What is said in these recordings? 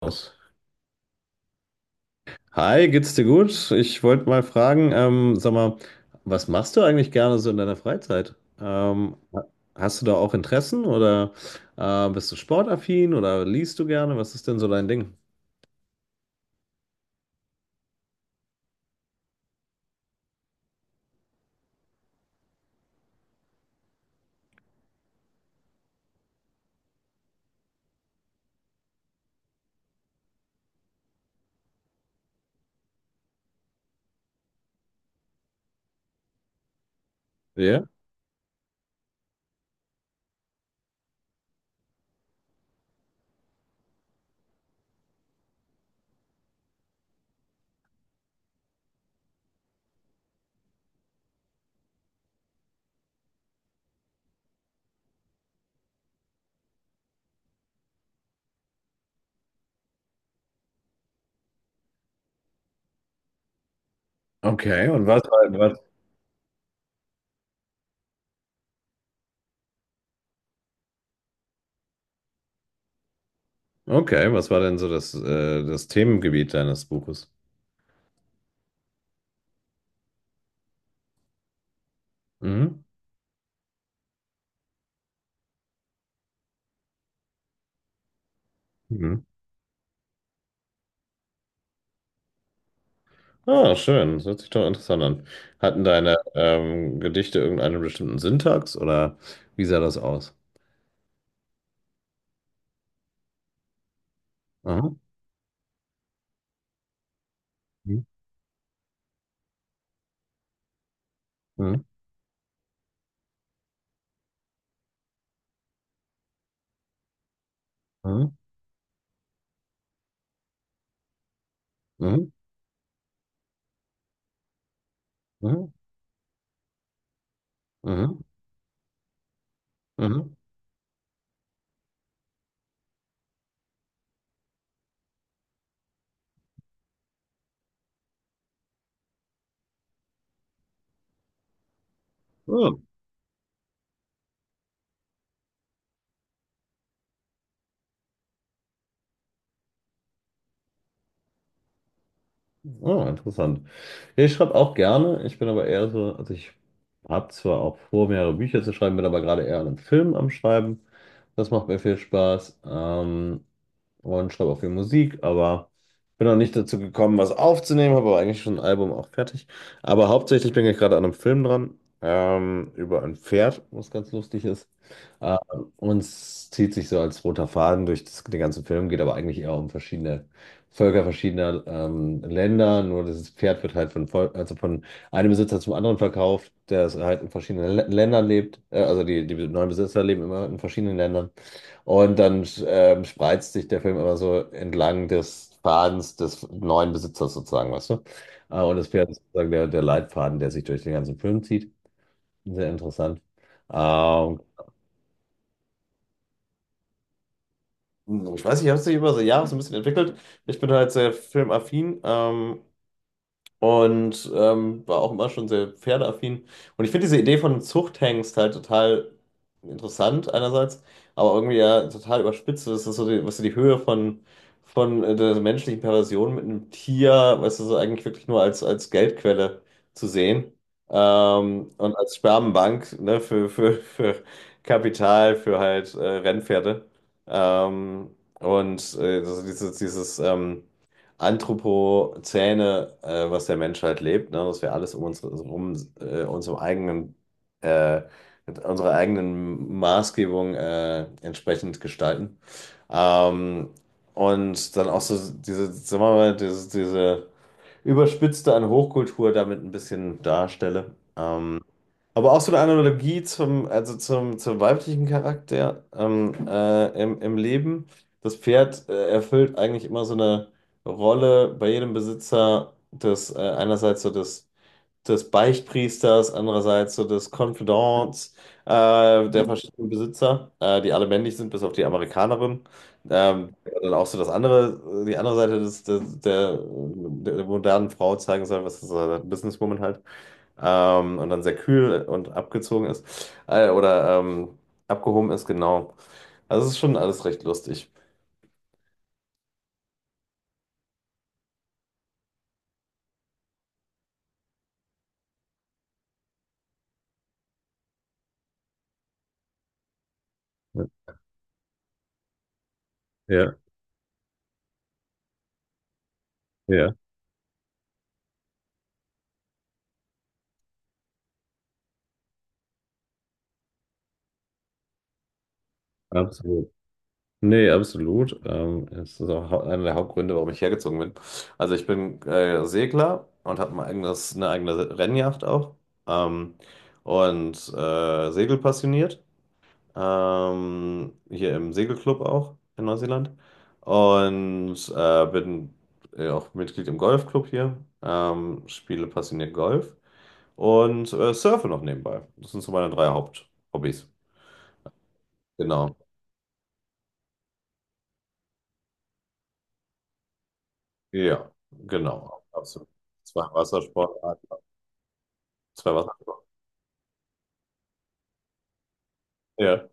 Aus. Hi, geht's dir gut? Ich wollte mal fragen, sag mal, was machst du eigentlich gerne so in deiner Freizeit? Hast du da auch Interessen oder bist du sportaffin oder liest du gerne? Was ist denn so dein Ding? Ja, okay. Und okay, was war denn so das Themengebiet deines Buches? Mhm. Mhm. Ah, schön. Das hört sich doch interessant an. Hatten deine Gedichte irgendeinen bestimmten Syntax oder wie sah das aus? Aha. Mhm. Mhm. Mhm. Mhm. Mhm. Mhm. Mhm. Ja. Oh, interessant. Ja, ich schreibe auch gerne. Ich bin aber eher so, also ich habe zwar auch vor, mehrere Bücher zu schreiben, bin aber gerade eher an einem Film am Schreiben. Das macht mir viel Spaß. Und schreibe auch viel Musik, aber bin noch nicht dazu gekommen, was aufzunehmen, habe aber eigentlich schon ein Album auch fertig. Aber hauptsächlich bin ich gerade an einem Film dran, über ein Pferd, was ganz lustig ist. Ähm, und es zieht sich so als roter Faden durch den ganzen Film, geht aber eigentlich eher um verschiedene Völker verschiedener Länder. Nur dieses Pferd wird halt also von einem Besitzer zum anderen verkauft, der es halt in verschiedenen Ländern lebt. Also die neuen Besitzer leben immer in verschiedenen Ländern. Und dann spreizt sich der Film immer so entlang des Fadens des neuen Besitzers sozusagen, weißt du? Und das Pferd ist sozusagen der Leitfaden, der sich durch den ganzen Film zieht. Sehr interessant. Ähm, Ich weiß nicht, ich habe es sich über die Jahre so ein bisschen entwickelt. Ich bin halt sehr filmaffin. Und war auch immer schon sehr pferdeaffin. Und ich finde diese Idee von einem Zuchthengst halt total interessant einerseits, aber irgendwie ja total überspitzt. Das ist so die, was die Höhe von der menschlichen Perversion mit einem Tier, weißt du, so eigentlich wirklich nur als Geldquelle zu sehen. Und als Spermenbank, ne, für Kapital, für halt Rennpferde. Ähm, also dieses Anthropozäne, was der Mensch halt lebt, ne? Dass wir alles um uns herum, äh, mit unserer eigenen Maßgebung entsprechend gestalten. Ähm, und dann auch so diese, sagen wir mal, diese überspitzte an Hochkultur damit ein bisschen darstelle. Aber auch so eine Analogie zum weiblichen Charakter im Leben. Das Pferd erfüllt eigentlich immer so eine Rolle bei jedem Besitzer des einerseits so des Beichtpriesters, andererseits so des Confidants der verschiedenen Besitzer, die alle männlich sind, bis auf die Amerikanerin. Ähm, dann auch so die andere Seite der modernen Frau zeigen soll, was ist das, Businesswoman halt und dann sehr kühl und abgezogen ist oder abgehoben ist, genau. Also es ist schon alles recht lustig. Ja, ja, absolut. Nee, absolut. Es ist auch einer der Hauptgründe, warum ich hergezogen bin. Also ich bin Segler und habe eine eigene Rennjacht auch ähm, und segelpassioniert. Hier im Segelclub auch in Neuseeland und bin auch Mitglied im Golfclub hier, spiele passioniert Golf und surfe noch nebenbei. Das sind so meine drei Haupthobbys. Genau, ja, genau, absolut. Zwei Wassersportarten, zwei Wassersportarten. Ja,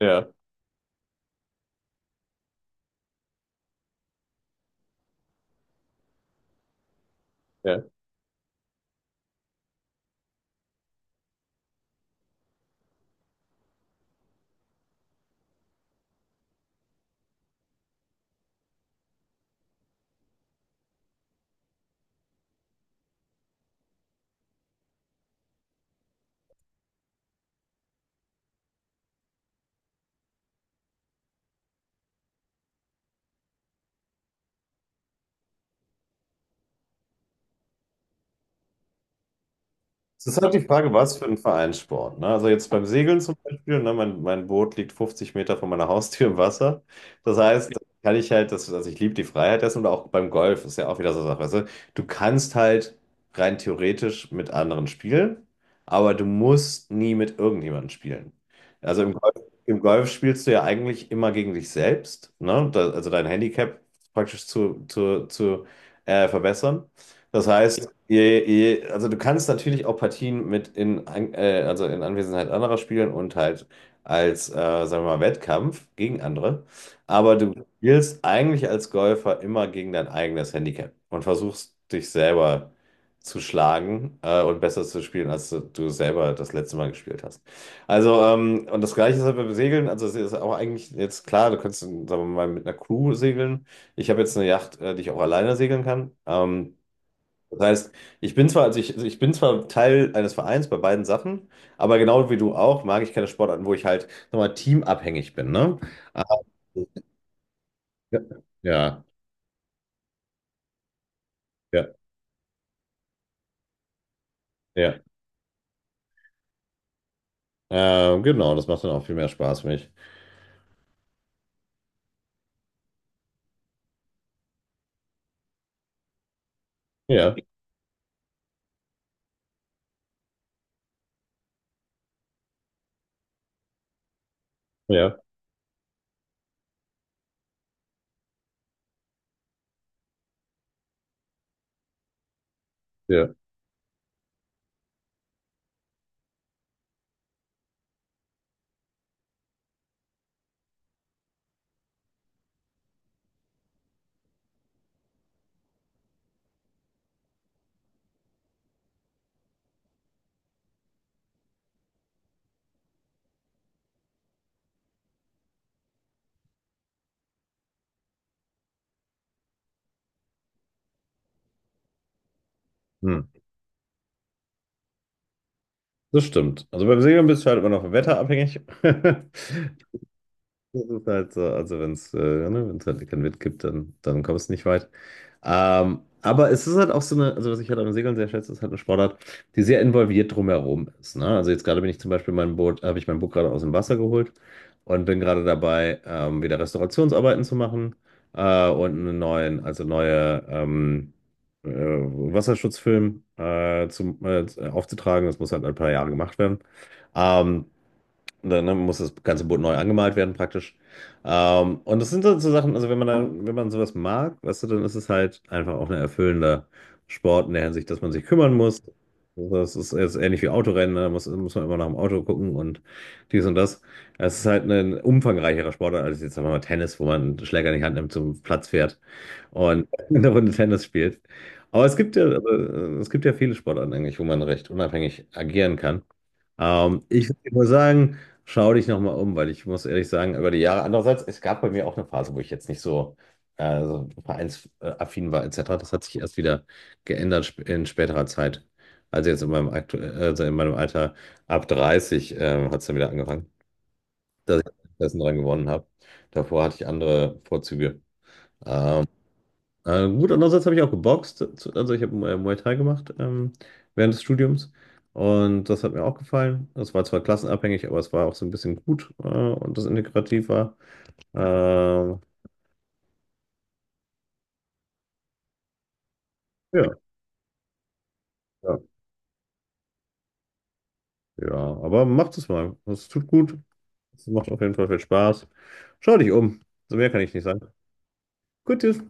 ja, ja. Es ist halt die Frage, was für ein Vereinssport. Ne? Also jetzt beim Segeln zum Beispiel, ne? Mein Boot liegt 50 Meter von meiner Haustür im Wasser. Das heißt, da kann ich halt, also ich liebe die Freiheit dessen und auch beim Golf ist ja auch wieder so eine Sache. Weißt du? Du kannst halt rein theoretisch mit anderen spielen, aber du musst nie mit irgendjemandem spielen. Also im Golf spielst du ja eigentlich immer gegen dich selbst, ne? Da, also dein Handicap praktisch zu verbessern. Das heißt, also du kannst natürlich auch Partien mit also in Anwesenheit anderer spielen und halt als, sagen wir mal, Wettkampf gegen andere. Aber du spielst eigentlich als Golfer immer gegen dein eigenes Handicap und versuchst dich selber zu schlagen, und besser zu spielen, als du selber das letzte Mal gespielt hast. Also, das Gleiche ist halt beim Segeln. Also es ist auch eigentlich jetzt klar, du kannst, sagen wir mal, mit einer Crew segeln. Ich habe jetzt eine Yacht, die ich auch alleine segeln kann. Das heißt, ich bin zwar, also ich bin zwar Teil eines Vereins bei beiden Sachen, aber genau wie du auch, mag ich keine Sportarten, wo ich halt nochmal teamabhängig bin, ne? Ähm, Ja, ja, ja. Genau, das macht dann auch viel mehr Spaß für mich. Ja, ja, ja. Hm. Das stimmt. Also beim Segeln bist du halt immer noch vom Wetter abhängig. Das ist halt so, also wenn es ja, ne, wenn's halt keinen Wind gibt, dann kommst du nicht weit. Aber es ist halt auch also was ich halt am Segeln sehr schätze, ist halt eine Sportart, die sehr involviert drumherum ist. Ne? Also jetzt gerade bin ich zum Beispiel habe ich mein Boot gerade aus dem Wasser geholt und bin gerade dabei, wieder Restaurationsarbeiten zu machen und einen neuen, also neue Wasserschutzfilm zum, aufzutragen. Das muss halt ein paar Jahre gemacht werden. Ähm, dann ne, muss das ganze Boot neu angemalt werden, praktisch. Und das sind dann so Sachen, also wenn man sowas mag, weißt du, dann ist es halt einfach auch ein erfüllender Sport in der Hinsicht, dass man sich kümmern muss. Das ist jetzt ähnlich wie Autorennen, ne, da muss man immer nach dem Auto gucken und dies und das. Es ist halt ein umfangreicherer Sportart als jetzt sagen wir mal Tennis, wo man einen Schläger in die Hand nimmt, zum Platz fährt und eine Runde Tennis spielt. Aber es gibt ja viele Sportarten eigentlich, wo man recht unabhängig agieren kann. Ich würde nur sagen, schau dich nochmal um, weil ich muss ehrlich sagen, über die Jahre, andererseits, es gab bei mir auch eine Phase, wo ich jetzt nicht so vereinsaffin war, etc. Das hat sich erst wieder geändert in späterer Zeit. Also jetzt in meinem, aktu also in meinem Alter ab 30 hat es dann wieder angefangen, dass ich Interessen dran gewonnen habe. Davor hatte ich andere Vorzüge. Ähm, gut, andererseits habe ich auch geboxt. Also ich habe Muay Thai gemacht während des Studiums. Und das hat mir auch gefallen. Das war zwar klassenabhängig, aber es war auch so ein bisschen gut und das integrativ war. Ja, ja, ja, aber macht es mal. Es tut gut. Es macht auf jeden Fall viel Spaß. Schau dich um. So mehr kann ich nicht sagen. Gut, tschüss.